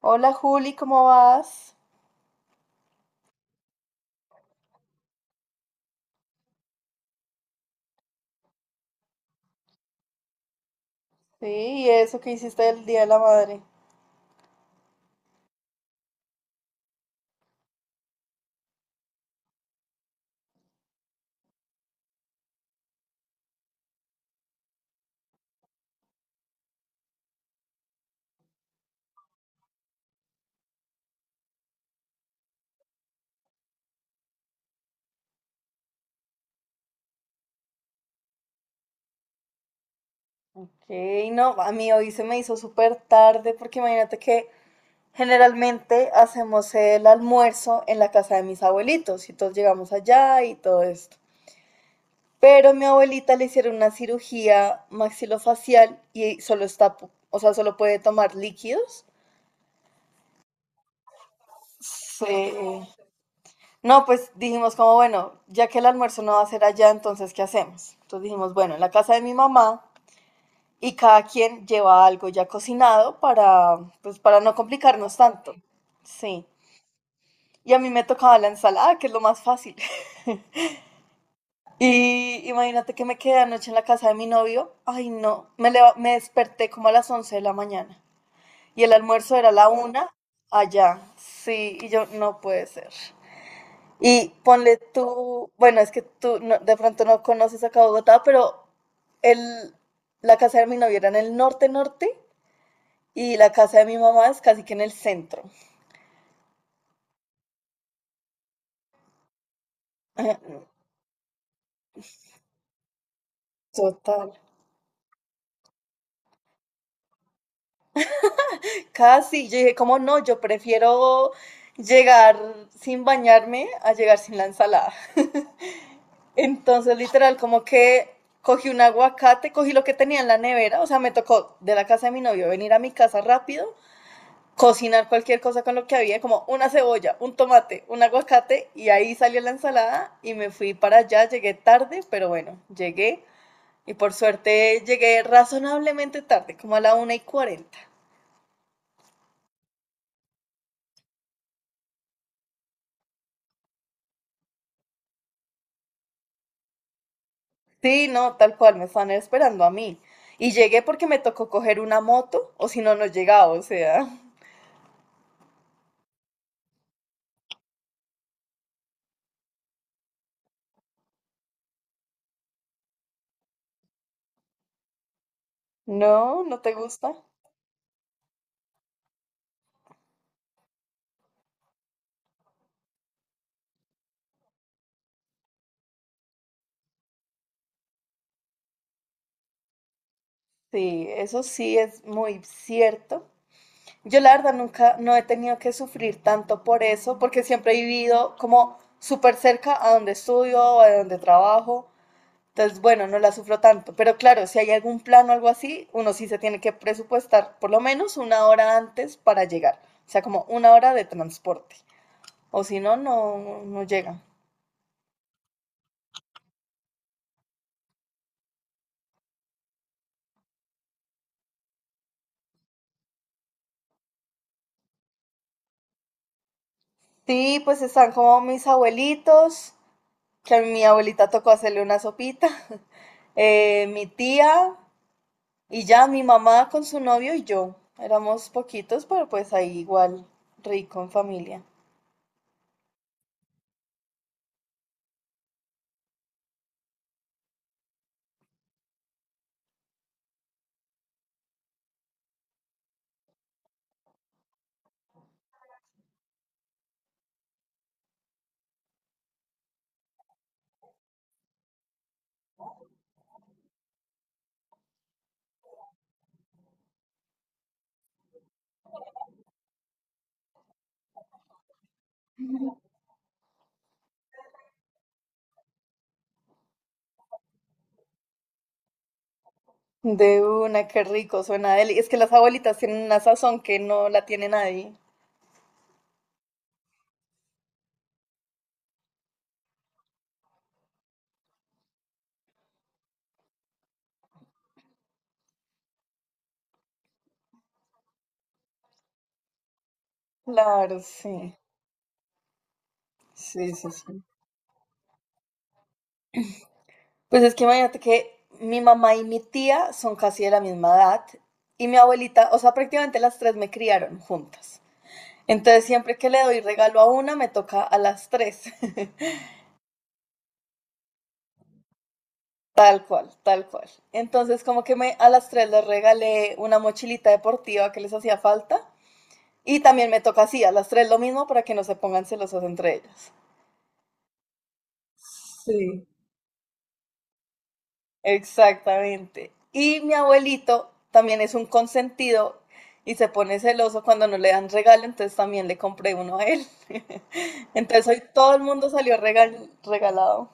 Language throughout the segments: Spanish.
Hola Juli, ¿cómo vas? Sí, ¿y eso que hiciste el Día de la Madre? Ok, no, a mí hoy se me hizo súper tarde porque imagínate que generalmente hacemos el almuerzo en la casa de mis abuelitos y todos llegamos allá y todo esto. Pero a mi abuelita le hicieron una cirugía maxilofacial y solo está, o sea, solo puede tomar líquidos. Sí. No, pues dijimos como, bueno, ya que el almuerzo no va a ser allá, entonces, ¿qué hacemos? Entonces dijimos, bueno, en la casa de mi mamá y cada quien lleva algo ya cocinado para, pues, para no complicarnos tanto. Sí. Y a mí me tocaba la ensalada, que es lo más fácil. Y imagínate que me quedé anoche en la casa de mi novio. Ay, no. Me desperté como a las 11 de la mañana. Y el almuerzo era a la 1 allá. Sí, y yo, no puede ser. Y ponle tú, bueno, es que tú no- de pronto no conoces acá Bogotá, pero el, la casa de mi novio era en el norte norte. Y la casa de mi mamá es casi que en el centro. Total. Casi, yo dije, como no, yo prefiero llegar sin bañarme a llegar sin la ensalada. Entonces, literal, como que cogí un aguacate, cogí lo que tenía en la nevera, o sea, me tocó de la casa de mi novio venir a mi casa rápido, cocinar cualquier cosa con lo que había, como una cebolla, un tomate, un aguacate, y ahí salió la ensalada y me fui para allá, llegué tarde, pero bueno, llegué. Y por suerte llegué razonablemente tarde, como a la 1:40. Sí, no, tal cual, me estaban esperando a mí. Y llegué porque me tocó coger una moto, o si no, no llegaba, o sea. No, ¿no te gusta? Sí, eso sí es muy cierto. Yo la verdad nunca, no he tenido que sufrir tanto por eso, porque siempre he vivido como súper cerca a donde estudio, a donde trabajo. Entonces, bueno, no la sufro tanto. Pero claro, si hay algún plan o algo así, uno sí se tiene que presupuestar por lo menos una hora antes para llegar. O sea, como una hora de transporte. O si no, no, no llega. Sí, pues están como mis abuelitos, que a mi abuelita tocó hacerle una sopita, mi tía y ya mi mamá con su novio y yo. Éramos poquitos, pero pues ahí igual rico en familia. De una, qué rico suena deli. Es que las abuelitas tienen una sazón que no la tiene nadie. Claro, sí. Sí, sí, sí. Pues es que imagínate que mi mamá y mi tía son casi de la misma edad y mi abuelita, o sea, prácticamente las tres me criaron juntas. Entonces, siempre que le doy regalo a una, me toca a las tres. Tal cual, tal cual. Entonces, como que me, a las tres les regalé una mochilita deportiva que les hacía falta. Y también me toca así, a las tres lo mismo para que no se pongan celosas entre ellas. Sí, exactamente. Y mi abuelito también es un consentido y se pone celoso cuando no le dan regalo, entonces también le compré uno a él. Entonces hoy todo el mundo salió regalado.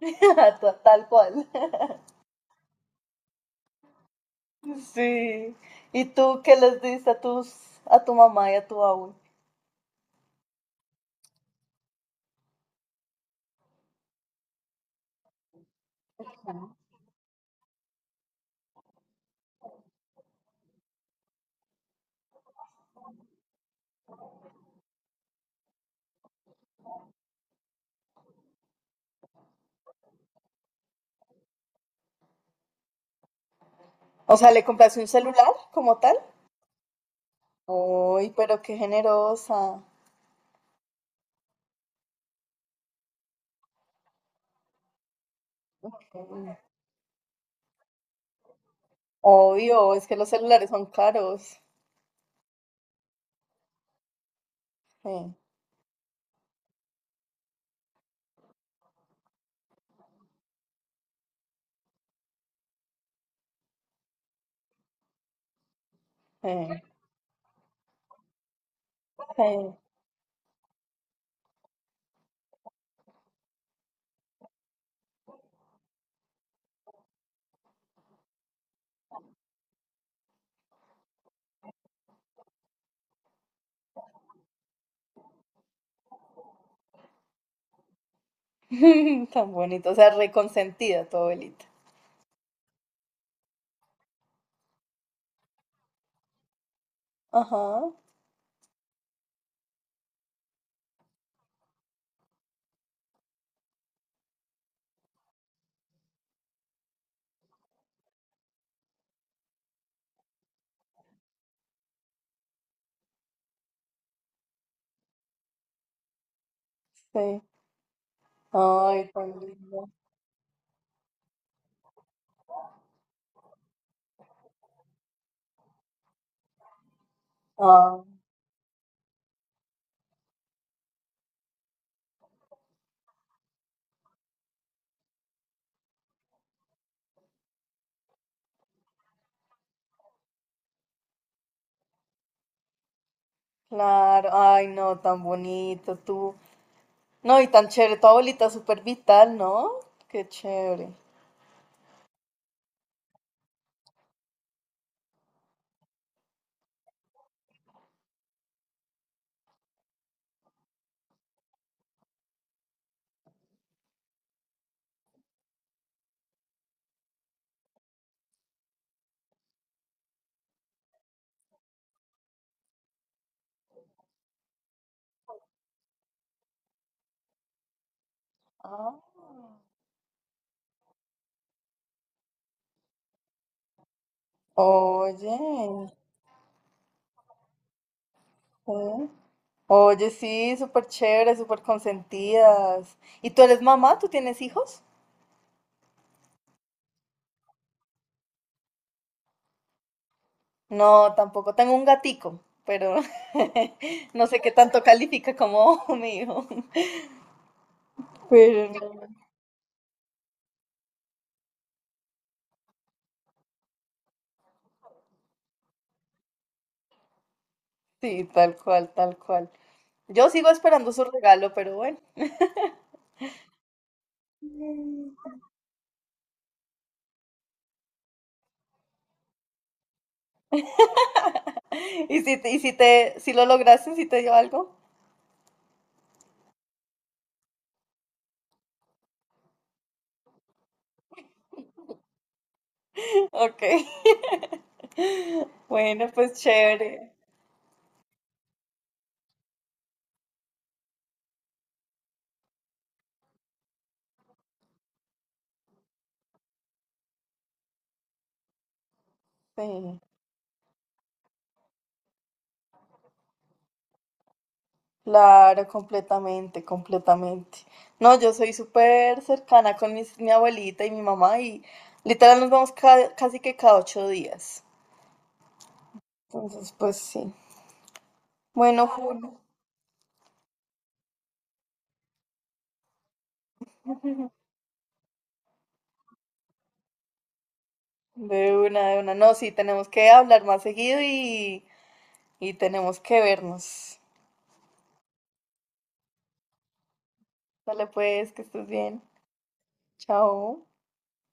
Tal cual. Sí. ¿Y tú qué les diste a tus, a tu mamá y a tu abuelo? O sea, ¿le compraste un celular como tal? Uy, pero qué generosa. Obvio, es que los celulares son caros. Sí, sí, sí. Tan bonito, o sea, reconsentida tu abuelita. Ajá, sí. Ay, tan lindo. Ah, claro, ay, no, tan bonito tú. No, y tan chévere, tu abuelita súper vital, ¿no? Qué chévere. Ah, oye, sí. Oye, sí, súper chévere, súper consentidas. ¿Y tú eres mamá? ¿Tú tienes hijos? No, tampoco. Tengo un gatico, pero no sé qué tanto califica como mi hijo. Pero no. Sí, tal cual, tal cual. Yo sigo esperando su regalo, pero bueno. Y si te, si lo lograste, si te dio algo? Ok. Bueno, pues chévere. Sí, claro, completamente, completamente. No, yo soy súper cercana con mi abuelita y mi mamá y literal nos vamos casi que cada 8 días. Entonces, pues sí. Bueno, Julio, de una, de una. No, sí, tenemos que hablar más seguido y tenemos que vernos. Dale pues, que estés bien. Chao.